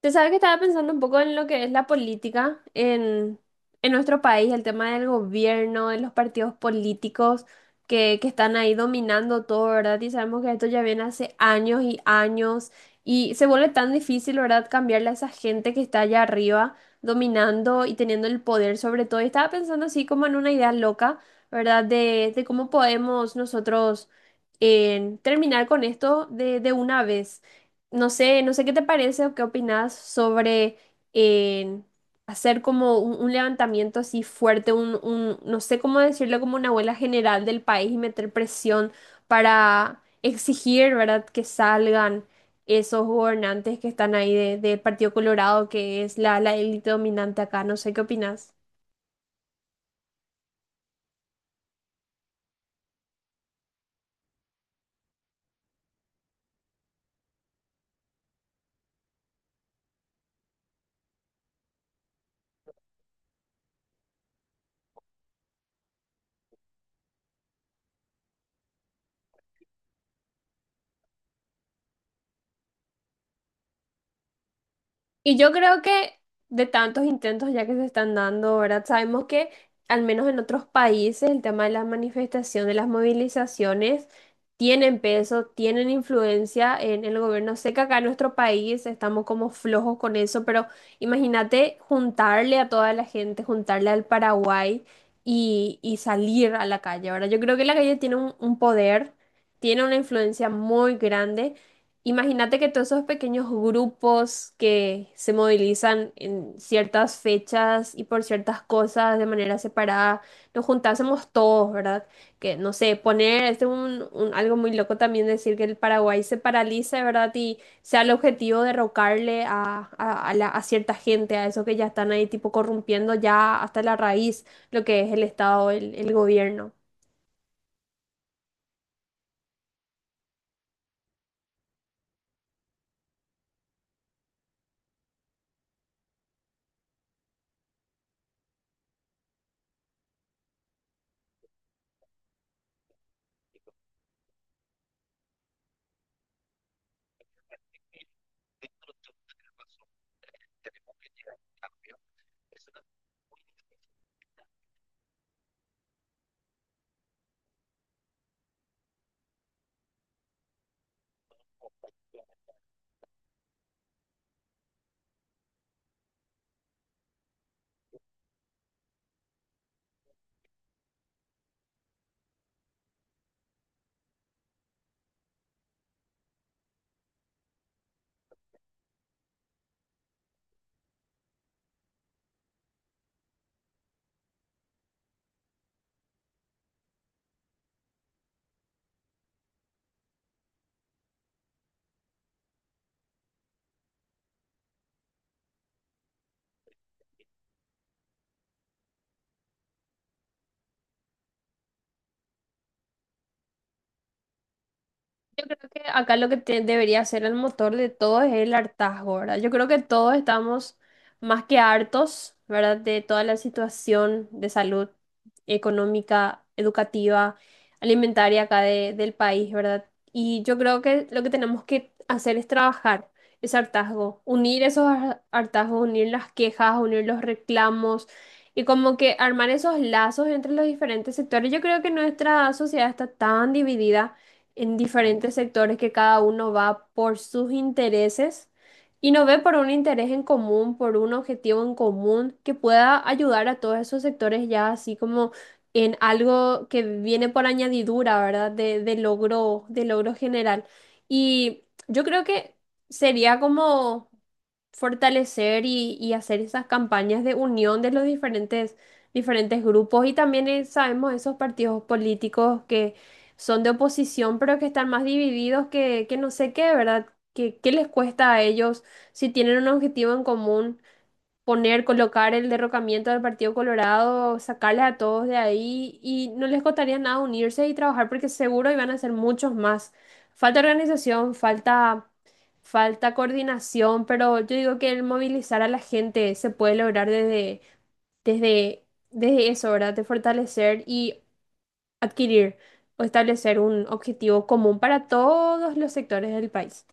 Te sabes que estaba pensando un poco en lo que es la política en nuestro país, el tema del gobierno, de los partidos políticos que están ahí dominando todo, ¿verdad? Y sabemos que esto ya viene hace años y años y se vuelve tan difícil, ¿verdad? Cambiarle a esa gente que está allá arriba dominando y teniendo el poder sobre todo. Y estaba pensando así como en una idea loca, ¿verdad? De cómo podemos nosotros terminar con esto de una vez. No sé, no sé qué te parece o qué opinas sobre eh, hacer como un levantamiento así fuerte, no sé cómo decirlo, como una abuela general del país y meter presión para exigir, ¿verdad?, que salgan esos gobernantes que están ahí del Partido Colorado, que es la élite dominante acá. No sé qué opinas. Y yo creo que de tantos intentos ya que se están dando, ¿verdad? Sabemos que al menos en otros países el tema de las manifestaciones, las movilizaciones tienen peso, tienen influencia en el gobierno. Sé que acá en nuestro país estamos como flojos con eso, pero imagínate juntarle a toda la gente, juntarle al Paraguay y salir a la calle, ¿verdad? Yo creo que la calle tiene un poder, tiene una influencia muy grande. Imagínate que todos esos pequeños grupos que se movilizan en ciertas fechas y por ciertas cosas de manera separada, nos juntásemos todos, ¿verdad? Que no sé, poner, este es algo muy loco también decir que el Paraguay se paralice, ¿verdad? Y sea el objetivo derrocarle a cierta gente, a esos que ya están ahí tipo corrompiendo ya hasta la raíz lo que es el Estado, el gobierno. Yo creo que acá debería ser el motor de todo es el hartazgo, ¿verdad? Yo creo que todos estamos más que hartos, ¿verdad? De toda la situación de salud económica, educativa, alimentaria del país, ¿verdad? Y yo creo que lo que tenemos que hacer es trabajar ese hartazgo, unir hartazgos, unir las quejas, unir los reclamos y como que armar esos lazos entre los diferentes sectores. Yo creo que nuestra sociedad está tan dividida en diferentes sectores que cada uno va por sus intereses y no ve por un interés en común, por un objetivo en común que pueda ayudar a todos esos sectores ya así como en algo que viene por añadidura, ¿verdad? De logro, de logro general. Y yo creo que sería como fortalecer y hacer esas campañas de unión de los diferentes grupos y también sabemos esos partidos políticos que son de oposición, pero que están más divididos que no sé qué, ¿verdad? ¿Qué les cuesta a ellos si tienen un objetivo en común? Poner, colocar el derrocamiento del Partido Colorado, sacarles a todos de ahí y no les costaría nada unirse y trabajar porque seguro iban a ser muchos más. Falta organización, falta coordinación, pero yo digo que el movilizar a la gente se puede lograr desde, desde eso, ¿verdad? De fortalecer y adquirir o establecer un objetivo común para todos los sectores del país.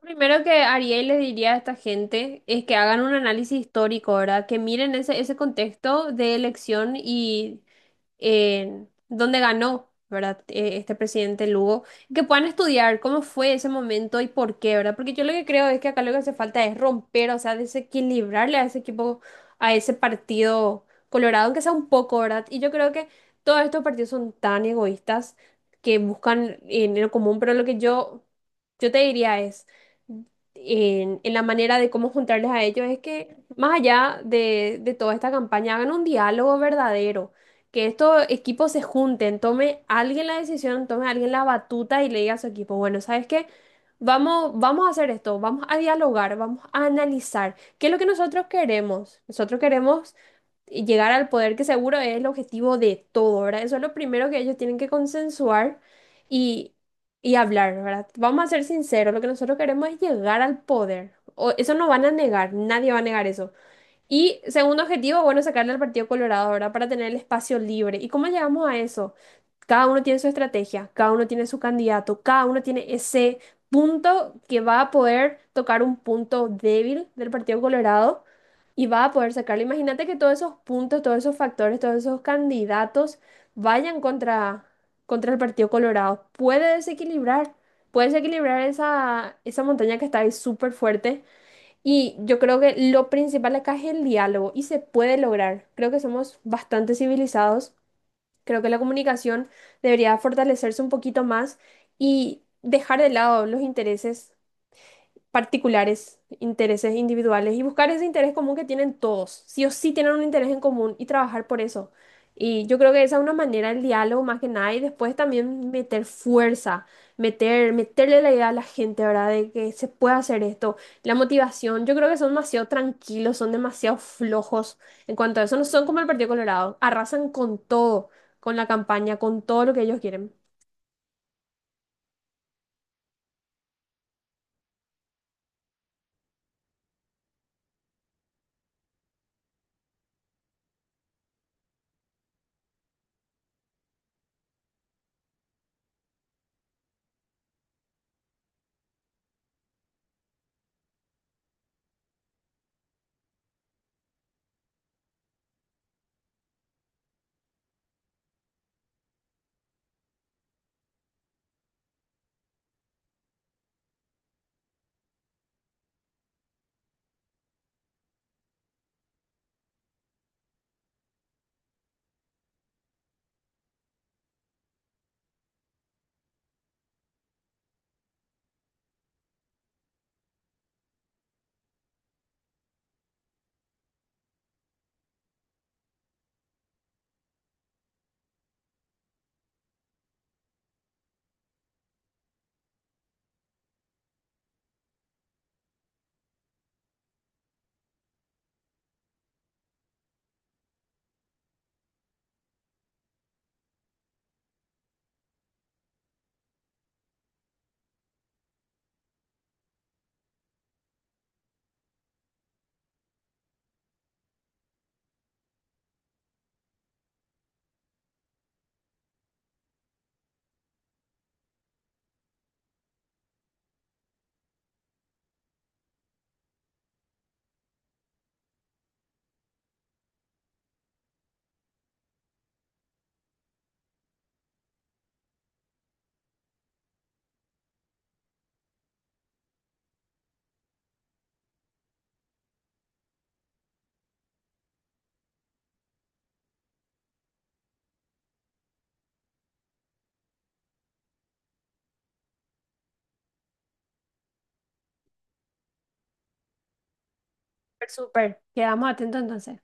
Primero que haría y le diría a esta gente es que hagan un análisis histórico, ¿verdad? Que miren ese contexto de elección y dónde ganó, ¿verdad? Este presidente Lugo, que puedan estudiar cómo fue ese momento y por qué, ¿verdad? Porque yo lo que creo es que acá lo que hace falta es romper, o sea, desequilibrarle a ese equipo, a ese partido colorado, aunque sea un poco, ¿verdad? Y yo creo que todos estos partidos son tan egoístas que buscan en lo común, pero yo te diría es en la manera de cómo juntarles a ellos es que, más allá de toda esta campaña, hagan un diálogo verdadero, que estos equipos se junten, tome alguien la decisión, tome alguien la batuta y le diga a su equipo, bueno, ¿sabes qué? Vamos a hacer esto, vamos a dialogar, vamos a analizar qué es lo que nosotros queremos. Nosotros queremos llegar al poder, que seguro es el objetivo de todo, ¿verdad? Eso es lo primero que ellos tienen que consensuar y, y hablar, ¿verdad? Vamos a ser sinceros, lo que nosotros queremos es llegar al poder. O, eso no van a negar, nadie va a negar eso. Y segundo objetivo, bueno, sacarle al Partido Colorado, ¿verdad? Para tener el espacio libre. ¿Y cómo llegamos a eso? Cada uno tiene su estrategia, cada uno tiene su candidato, cada uno tiene ese punto que va a poder tocar un punto débil del Partido Colorado y va a poder sacarlo. Imagínate que todos esos puntos, todos esos factores, todos esos candidatos vayan contra el Partido Colorado. Puede desequilibrar esa montaña que está ahí súper fuerte. Y yo creo que lo principal acá es el diálogo y se puede lograr. Creo que somos bastante civilizados. Creo que la comunicación debería fortalecerse un poquito más y dejar de lado los intereses particulares, intereses individuales y buscar ese interés común que tienen todos. Sí o sí tienen un interés en común y trabajar por eso. Y yo creo que esa es una manera del diálogo más que nada y después también meter fuerza, meterle la idea a la gente, ¿verdad? De que se puede hacer esto. La motivación, yo creo que son demasiado tranquilos, son demasiado flojos en cuanto a eso, no son como el Partido Colorado, arrasan con todo, con la campaña, con todo lo que ellos quieren. Súper, súper. Quedamos atentos entonces.